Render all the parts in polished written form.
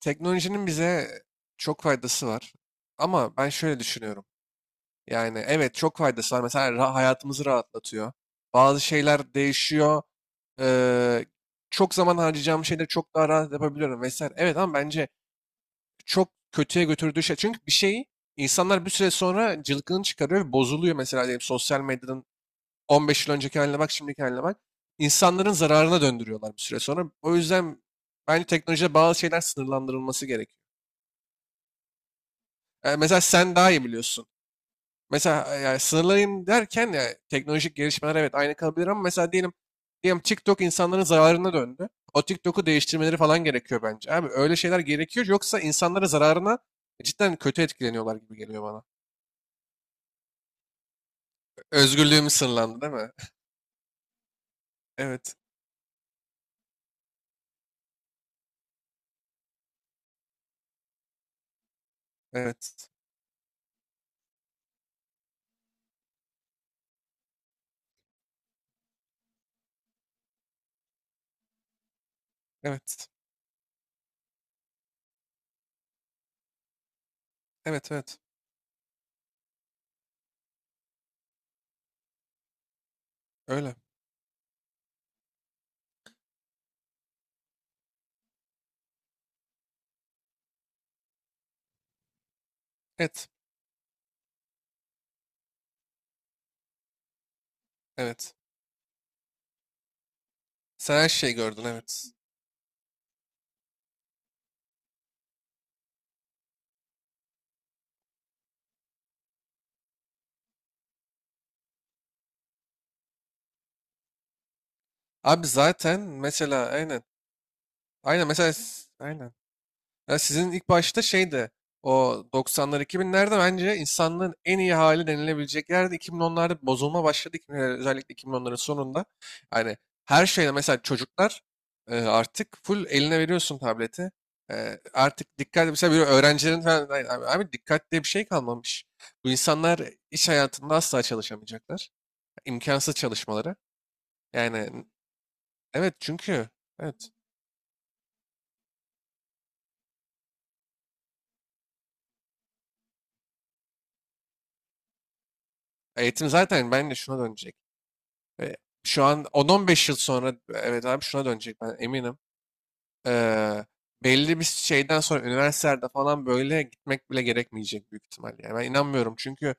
Teknolojinin bize çok faydası var. Ama ben şöyle düşünüyorum. Yani evet çok faydası var. Mesela hayatımızı rahatlatıyor. Bazı şeyler değişiyor. Eee, Çok zaman harcayacağım şeyleri çok daha rahat yapabiliyorum vesaire. Evet ama bence çok kötüye götürdüğü şey. Çünkü bir şeyi insanlar bir süre sonra cılkını çıkarıyor ve bozuluyor. Mesela diyelim sosyal medyanın 15 yıl önceki haline bak, şimdiki haline bak. İnsanların zararına döndürüyorlar bir süre sonra. O yüzden bence teknolojide bazı şeyler sınırlandırılması gerekiyor. Mesela sen daha iyi biliyorsun. Mesela yani sınırlayayım derken ya teknolojik gelişmeler evet aynı kalabilir ama mesela diyelim TikTok insanların zararına döndü. O TikTok'u değiştirmeleri falan gerekiyor bence. Abi öyle şeyler gerekiyor yoksa insanlara zararına cidden kötü etkileniyorlar gibi geliyor bana. Özgürlüğümüz sınırlandı değil mi? Evet. Evet. Evet. Evet, evet. Öyle. Evet. Evet. Sen her şeyi gördün, evet. Abi zaten mesela aynen. Aynen mesela aynen. Ya sizin ilk başta şeydi o 90'lar 2000'lerde bence insanlığın en iyi hali denilebilecek yerde 2010'larda bir bozulma başladı. 2000'ler, özellikle 2010'ların sonunda. Hani her şeyde mesela çocuklar artık full eline veriyorsun tableti. Artık dikkat mesela bir öğrencilerin falan "Ay- abi, abi dikkat diye bir şey kalmamış. Bu insanlar iş hayatında asla çalışamayacaklar. İmkansız çalışmaları. Yani evet çünkü evet eğitim zaten bence şuna dönecek. E, Şu an 10-15 yıl sonra evet abi şuna dönecek, ben eminim. Eee, Belli bir şeyden sonra üniversitelerde falan böyle gitmek bile gerekmeyecek büyük ihtimalle. Yani ben inanmıyorum çünkü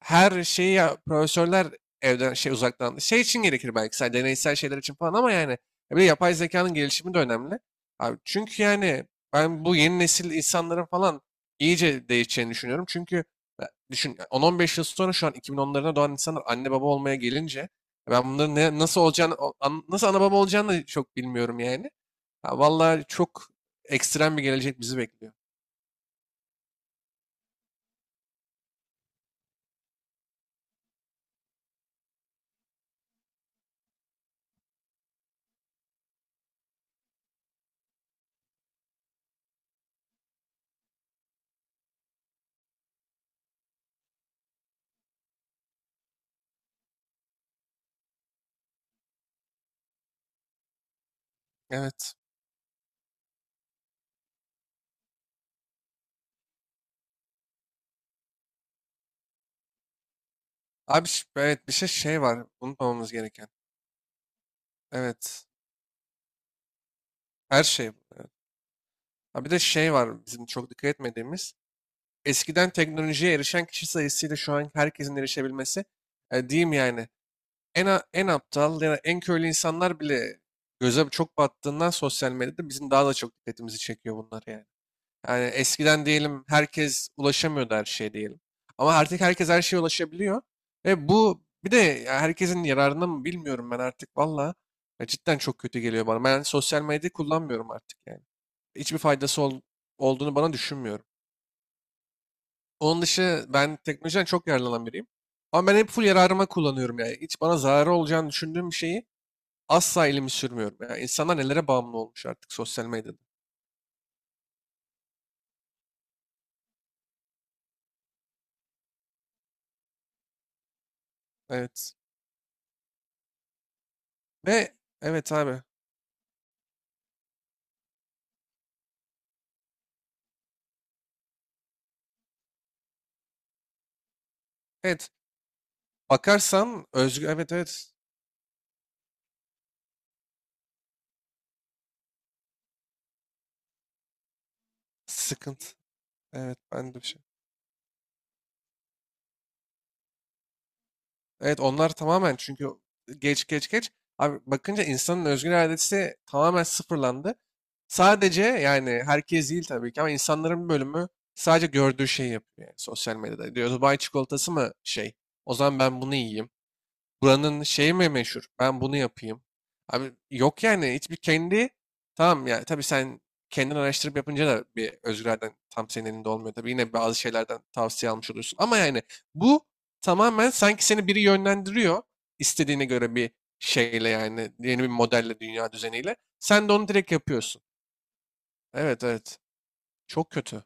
her şeyi ya, profesörler evden şey uzaktan şey için gerekir belki sadece deneysel şeyler için falan ama yani ya bir de yapay zekanın gelişimi de önemli. Abi çünkü yani ben bu yeni nesil insanların falan iyice değişeceğini düşünüyorum. Çünkü ya, düşün ya, 10-15 yıl sonra şu an 2010'larına doğan insanlar anne baba olmaya gelince ben bunların nasıl olacağını nasıl ana baba olacağını da çok bilmiyorum yani. Ha, vallahi çok ekstrem bir gelecek bizi bekliyor. Evet. Abi evet bir şey var unutmamamız gereken. Evet. Her şey, bu, evet. Ha, bir de şey var bizim çok dikkat etmediğimiz. Eskiden teknolojiye erişen kişi sayısıyla şu an herkesin erişebilmesi. Diyeyim yani en aptal ya da en köylü insanlar bile göze çok battığından sosyal medyada bizim daha da çok dikkatimizi çekiyor bunlar yani. Yani eskiden diyelim herkes ulaşamıyordu her şeye diyelim. Ama artık herkes her şeye ulaşabiliyor. Ve bu bir de ya herkesin yararına mı, bilmiyorum ben artık valla. Ya cidden çok kötü geliyor bana. Ben sosyal medyayı kullanmıyorum artık yani hiçbir faydası olduğunu bana düşünmüyorum. Onun dışı ben teknolojiden çok yararlanan biriyim. Ama ben hep full yararıma kullanıyorum yani. Hiç bana zararı olacağını düşündüğüm bir şeyi asla elimi sürmüyorum. Yani insanlar nelere bağımlı olmuş artık sosyal medyada. Evet. Ve evet abi. Evet. Bakarsan özgür. Evet, evet. Sıkıntı. Evet, ben de bir şey. Evet, onlar tamamen çünkü geç geç geç. Abi bakınca insanın özgür iradesi tamamen sıfırlandı. Sadece yani herkes değil tabii ki ama insanların bir bölümü sadece gördüğü şeyi yapıyor. Yani sosyal medyada diyor Dubai çikolatası mı şey? O zaman ben bunu yiyeyim. Buranın şeyi mi meşhur? Ben bunu yapayım. Abi yok yani hiçbir kendi tamam ya tabii sen kendin araştırıp yapınca da bir özgürlerden tam senin elinde olmuyor. Tabii yine bazı şeylerden tavsiye almış olursun. Ama yani bu tamamen sanki seni biri yönlendiriyor istediğine göre bir şeyle yani yeni bir modelle, dünya düzeniyle. Sen de onu direkt yapıyorsun. Evet, evet. Çok kötü.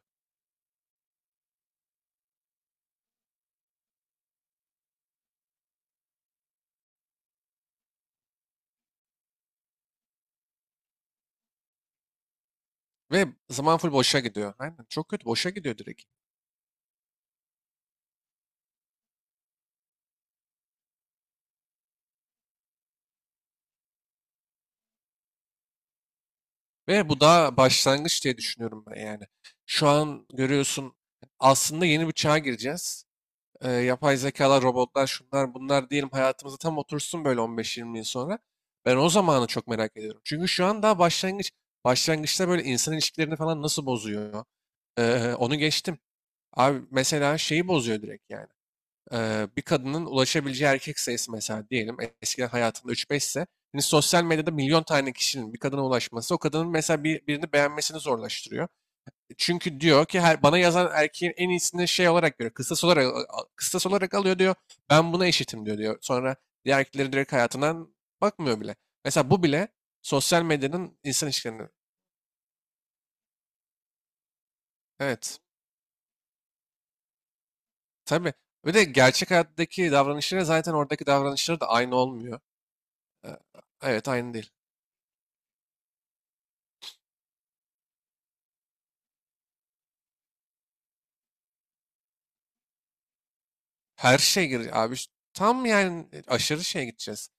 Ve zaman full boşa gidiyor. Aynen çok kötü boşa gidiyor direkt. Ve bu daha başlangıç diye düşünüyorum ben yani. Şu an görüyorsun aslında yeni bir çağa gireceğiz. Yapay zekalar, robotlar, şunlar bunlar diyelim hayatımıza tam otursun böyle 15-20 yıl sonra. Ben o zamanı çok merak ediyorum. Çünkü şu an daha başlangıç. Başlangıçta böyle insan ilişkilerini falan nasıl bozuyor? Onu geçtim. Abi mesela şeyi bozuyor direkt yani. Bir kadının ulaşabileceği erkek sayısı mesela diyelim eskiden hayatında üç 5 ise şimdi sosyal medyada milyon tane kişinin bir kadına ulaşması o kadının mesela birini beğenmesini zorlaştırıyor. Çünkü diyor ki bana yazan erkeğin en iyisini şey olarak görüyor. Kıstas olarak, alıyor diyor. Ben buna eşitim diyor. Sonra diğer erkeklerin direkt hayatından bakmıyor bile. Mesela bu bile sosyal medyanın insan ilişkilerini. Evet. Tabii. Ve de gerçek hayattaki davranışları zaten oradaki davranışları da aynı olmuyor. Ee, Evet aynı değil. Her şey gir abi. Tam yani aşırı şeye gideceğiz.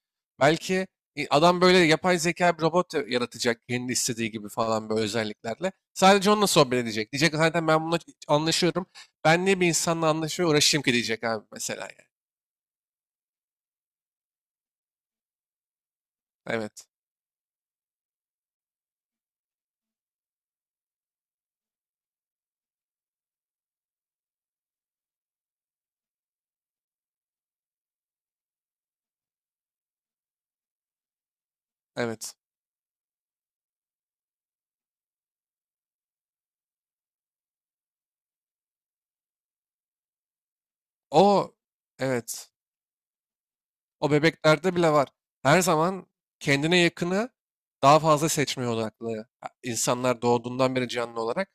Belki adam böyle yapay zeka bir robot yaratacak kendi istediği gibi falan böyle özelliklerle. Sadece onunla sohbet edecek. Diyecek zaten ben bununla anlaşıyorum. Ben niye bir insanla anlaşmaya uğraşayım ki diyecek abi mesela yani. Evet. Evet. O, evet. O bebeklerde bile var. Her zaman kendine yakını daha fazla seçmeye odaklı. Ha, insanlar doğduğundan beri canlı olarak.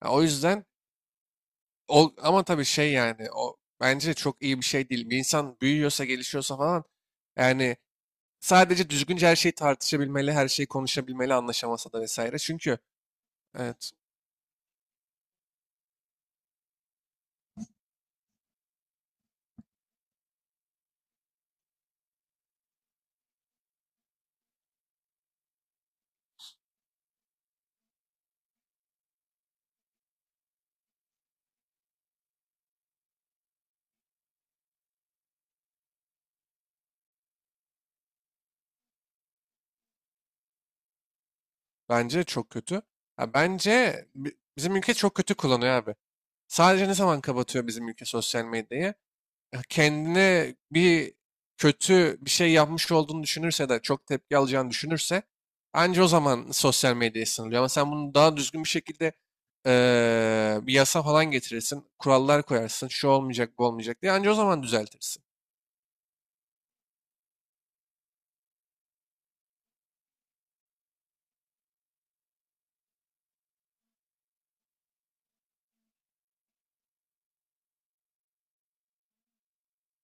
Ha, o yüzden. Ama tabii şey yani, o bence çok iyi bir şey değil. Bir insan büyüyorsa, gelişiyorsa falan yani sadece düzgünce her şeyi tartışabilmeli, her şeyi konuşabilmeli anlaşamasa da vesaire. Çünkü evet bence çok kötü. Ya bence bizim ülke çok kötü kullanıyor abi. Sadece ne zaman kapatıyor bizim ülke sosyal medyayı? Ya kendine bir kötü bir şey yapmış olduğunu düşünürse de çok tepki alacağını düşünürse anca o zaman sosyal medyaya sınırlıyor. Ama sen bunu daha düzgün bir şekilde bir yasa falan getirirsin, kurallar koyarsın, şu olmayacak, bu olmayacak diye anca o zaman düzeltirsin.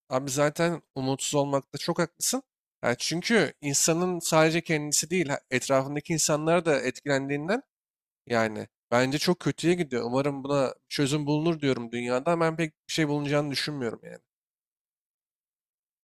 Abi zaten umutsuz olmakta çok haklısın. Ya çünkü insanın sadece kendisi değil, etrafındaki insanlar da etkilendiğinden yani bence çok kötüye gidiyor. Umarım buna çözüm bulunur diyorum dünyada. Ben pek bir şey bulunacağını düşünmüyorum yani.